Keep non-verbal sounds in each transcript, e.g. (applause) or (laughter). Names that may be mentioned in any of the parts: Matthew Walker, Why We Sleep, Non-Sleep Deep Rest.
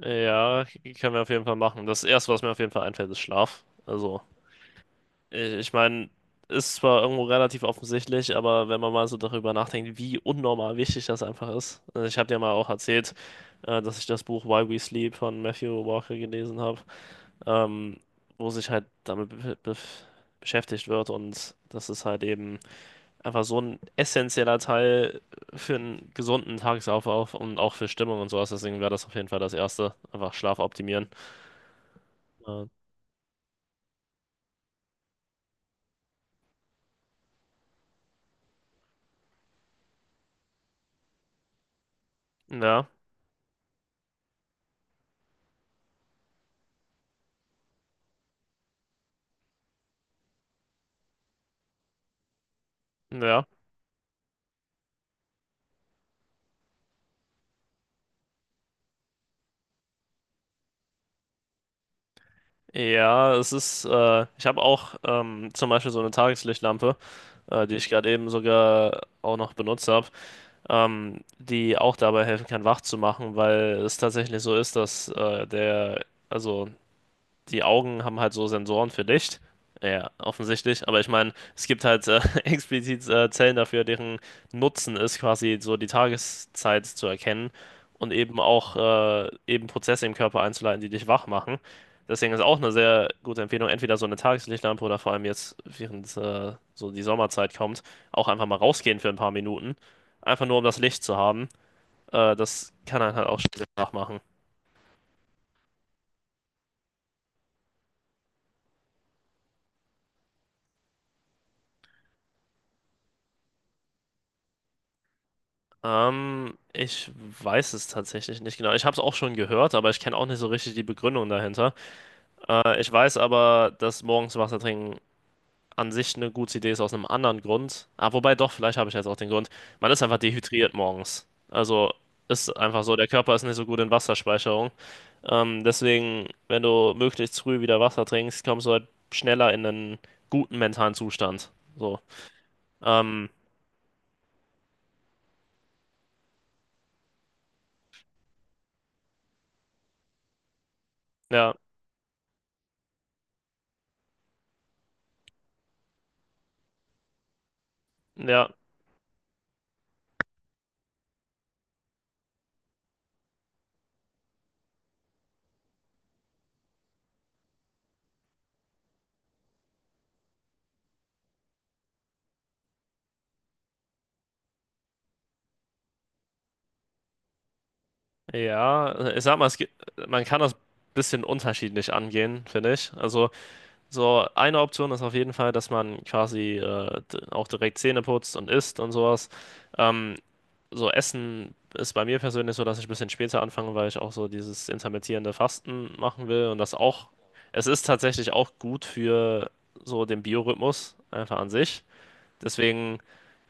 Ja, können wir auf jeden Fall machen. Das Erste, was mir auf jeden Fall einfällt, ist Schlaf. Also, ich meine, ist zwar irgendwo relativ offensichtlich, aber wenn man mal so darüber nachdenkt, wie unnormal wichtig das einfach ist. Also ich habe dir mal auch erzählt, dass ich das Buch Why We Sleep von Matthew Walker gelesen habe, ähm, wo sich halt damit be be beschäftigt wird, und das ist halt eben einfach so ein essentieller Teil für einen gesunden Tagesablauf und auch für Stimmung und sowas. Deswegen wäre das auf jeden Fall das Erste, einfach Schlaf optimieren. Ja, ja, ja. Ja, es ist, ich habe auch zum Beispiel so eine Tageslichtlampe, die ich gerade eben sogar auch noch benutzt habe, die auch dabei helfen kann, wach zu machen, weil es tatsächlich so ist, dass der, also die Augen haben halt so Sensoren für Licht. Ja, offensichtlich. Aber ich meine, es gibt halt (laughs) explizit Zellen dafür, deren Nutzen ist, quasi so die Tageszeit zu erkennen und eben auch eben Prozesse im Körper einzuleiten, die dich wach machen. Deswegen ist auch eine sehr gute Empfehlung, entweder so eine Tageslichtlampe oder, vor allem jetzt, während so die Sommerzeit kommt, auch einfach mal rausgehen für ein paar Minuten. Einfach nur, um das Licht zu haben. Das kann einen halt auch schnell wach machen. Ich weiß es tatsächlich nicht genau. Ich habe es auch schon gehört, aber ich kenne auch nicht so richtig die Begründung dahinter. Ich weiß aber, dass morgens Wasser trinken an sich eine gute Idee ist aus einem anderen Grund. Ah, wobei doch, vielleicht habe ich jetzt auch den Grund. Man ist einfach dehydriert morgens. Also ist einfach so, der Körper ist nicht so gut in Wasserspeicherung. Deswegen, wenn du möglichst früh wieder Wasser trinkst, kommst du halt schneller in einen guten mentalen Zustand. So. Ähm, ja, ja. Ja, ich sag mal, es gibt, man kann das bisschen unterschiedlich angehen, finde ich. Also, so eine Option ist auf jeden Fall, dass man quasi auch direkt Zähne putzt und isst und sowas. Ähm, so Essen ist bei mir persönlich so, dass ich ein bisschen später anfange, weil ich auch so dieses intermittierende Fasten machen will, und das auch, es ist tatsächlich auch gut für so den Biorhythmus einfach an sich. Deswegen.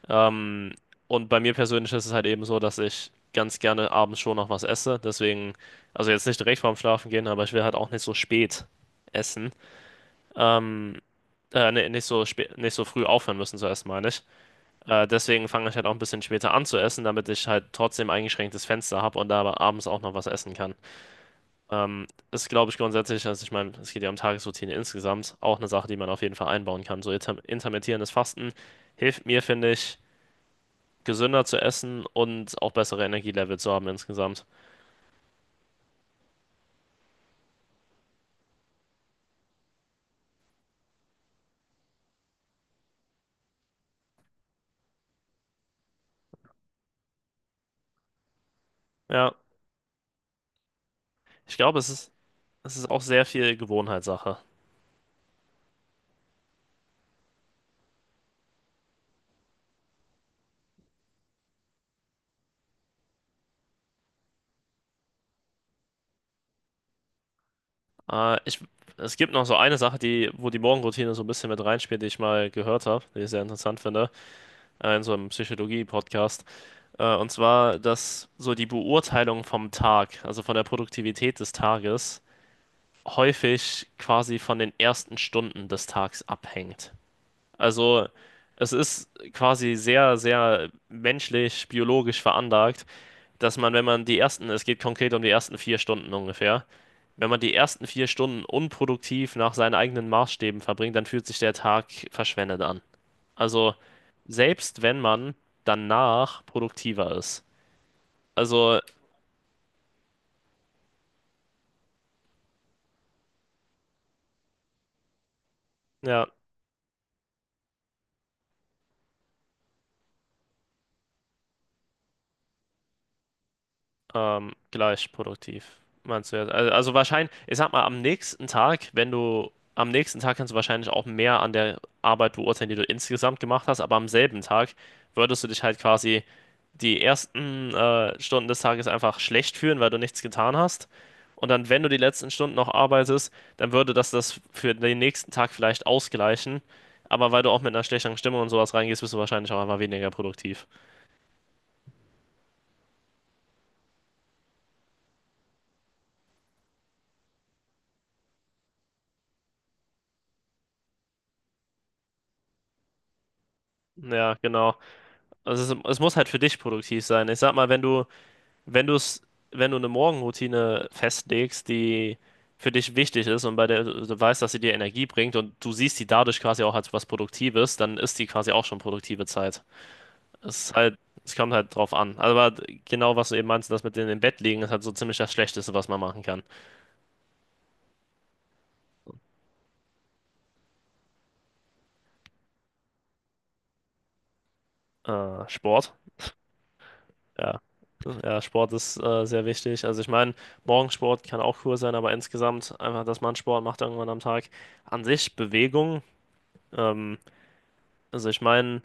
Ähm, und bei mir persönlich ist es halt eben so, dass ich ganz gerne abends schon noch was esse. Deswegen, also jetzt nicht direkt vorm Schlafen gehen, aber ich will halt auch nicht so spät essen. Ähm, nee, nicht so spät, nicht so früh aufhören müssen zu essen, meine ich. Deswegen fange ich halt auch ein bisschen später an zu essen, damit ich halt trotzdem eingeschränktes Fenster habe und da aber abends auch noch was essen kann. Ist, glaube ich, grundsätzlich, also ich meine, es geht ja um Tagesroutine insgesamt, auch eine Sache, die man auf jeden Fall einbauen kann. So intermittierendes Fasten hilft mir, finde ich, gesünder zu essen und auch bessere Energielevel zu haben insgesamt. Ja, ich glaube, es ist auch sehr viel Gewohnheitssache. Äh, ich, es gibt noch so eine Sache, die, wo die Morgenroutine so ein bisschen mit reinspielt, die ich mal gehört habe, die ich sehr interessant finde, in so einem Psychologie-Podcast. Und zwar, dass so die Beurteilung vom Tag, also von der Produktivität des Tages, häufig quasi von den ersten Stunden des Tags abhängt. Also es ist quasi sehr, sehr menschlich, biologisch veranlagt, dass man, wenn man die ersten, es geht konkret um die ersten vier Stunden ungefähr, wenn man die ersten vier Stunden unproduktiv nach seinen eigenen Maßstäben verbringt, dann fühlt sich der Tag verschwendet an. Also selbst wenn man danach produktiver ist. Also ja. Gleich produktiv, meinst du jetzt? Also wahrscheinlich, ich sag mal, am nächsten Tag, wenn du, am nächsten Tag kannst du wahrscheinlich auch mehr an der Arbeit beurteilen, die du insgesamt gemacht hast, aber am selben Tag würdest du dich halt quasi die ersten Stunden des Tages einfach schlecht fühlen, weil du nichts getan hast. Und dann, wenn du die letzten Stunden noch arbeitest, dann würde das für den nächsten Tag vielleicht ausgleichen. Aber weil du auch mit einer schlechteren Stimmung und sowas reingehst, bist du wahrscheinlich auch einfach weniger produktiv. Ja, genau. Also es muss halt für dich produktiv sein. Ich sag mal, wenn du es, wenn du eine Morgenroutine festlegst, die für dich wichtig ist und bei der du weißt, dass sie dir Energie bringt, und du siehst die dadurch quasi auch als was Produktives, dann ist die quasi auch schon produktive Zeit. Es ist halt, es kommt halt drauf an. Also, aber genau, was du eben meinst, das mit in dem Bett liegen, ist halt so ziemlich das Schlechteste, was man machen kann. Sport. Ja, ja, Sport ist sehr wichtig. Also ich meine, Morgensport kann auch cool sein, aber insgesamt einfach, dass man Sport macht irgendwann am Tag. An sich Bewegung. Ähm, also ich meine,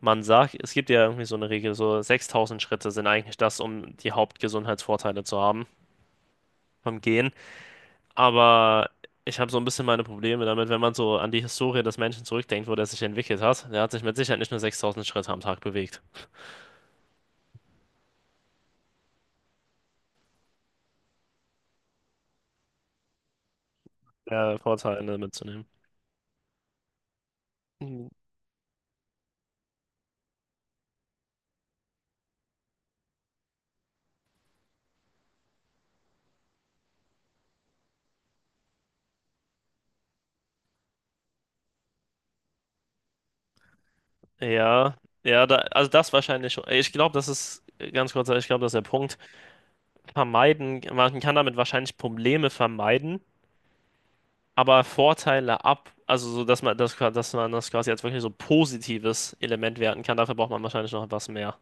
man sagt, es gibt ja irgendwie so eine Regel, so 6000 Schritte sind eigentlich das, um die Hauptgesundheitsvorteile zu haben vom Gehen. Aber ich habe so ein bisschen meine Probleme damit, wenn man so an die Historie des Menschen zurückdenkt, wo der sich entwickelt hat. Der hat sich mit Sicherheit nicht nur 6000 Schritte am Tag bewegt. Der Vorteile mitzunehmen. Ja, ja, da, also das wahrscheinlich schon. Ich glaube, das ist ganz kurz, ich glaube, das ist der Punkt. Vermeiden, man kann damit wahrscheinlich Probleme vermeiden, aber Vorteile ab, also so, dass man das quasi als wirklich so positives Element werten kann, dafür braucht man wahrscheinlich noch etwas mehr.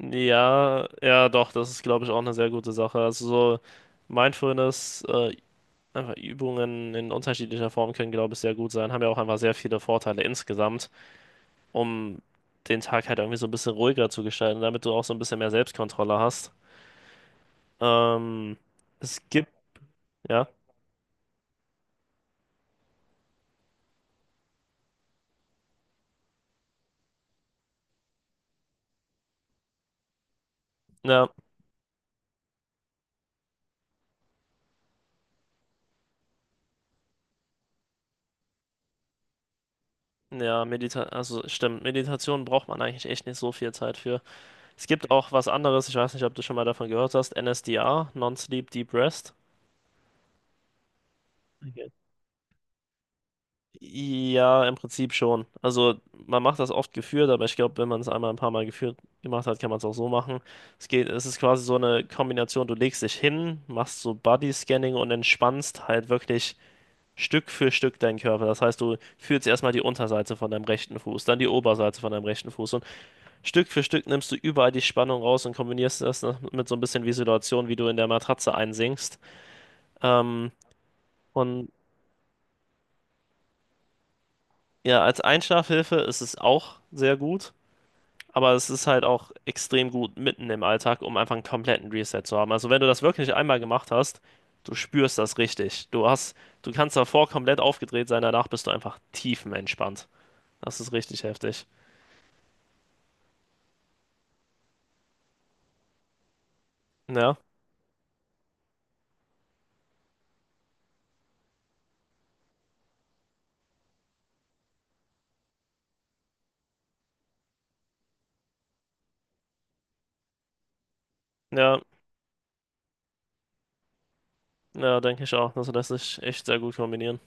Ja, ja, doch, das ist, glaube ich, auch eine sehr gute Sache. Also so Mindfulness, einfach Übungen in unterschiedlicher Form können, glaube ich, sehr gut sein, haben ja auch einfach sehr viele Vorteile insgesamt. Um den Tag halt irgendwie so ein bisschen ruhiger zu gestalten, damit du auch so ein bisschen mehr Selbstkontrolle hast. Ähm, es gibt, ja, ja, ja, Medita also stimmt, Meditation braucht man eigentlich echt nicht so viel Zeit für. Es gibt auch was anderes, ich weiß nicht, ob du schon mal davon gehört hast, NSDR, Non-Sleep Deep Rest. Ja, im Prinzip schon. Also man macht das oft geführt, aber ich glaube, wenn man es einmal ein paar Mal geführt gemacht hat, kann man es auch so machen. Es geht, es ist quasi so eine Kombination, du legst dich hin, machst so Body-Scanning und entspannst halt wirklich Stück für Stück deinen Körper. Das heißt, du fühlst erstmal die Unterseite von deinem rechten Fuß, dann die Oberseite von deinem rechten Fuß, und Stück für Stück nimmst du überall die Spannung raus und kombinierst das noch mit so ein bisschen Visualisation, wie du in der Matratze einsinkst. Ähm, und ja, als Einschlafhilfe ist es auch sehr gut. Aber es ist halt auch extrem gut mitten im Alltag, um einfach einen kompletten Reset zu haben. Also wenn du das wirklich einmal gemacht hast, du spürst das richtig. Du hast, du kannst davor komplett aufgedreht sein, danach bist du einfach tiefenentspannt. Das ist richtig heftig. Ja, ja, ja, denke ich auch. Also lässt sich echt sehr gut kombinieren.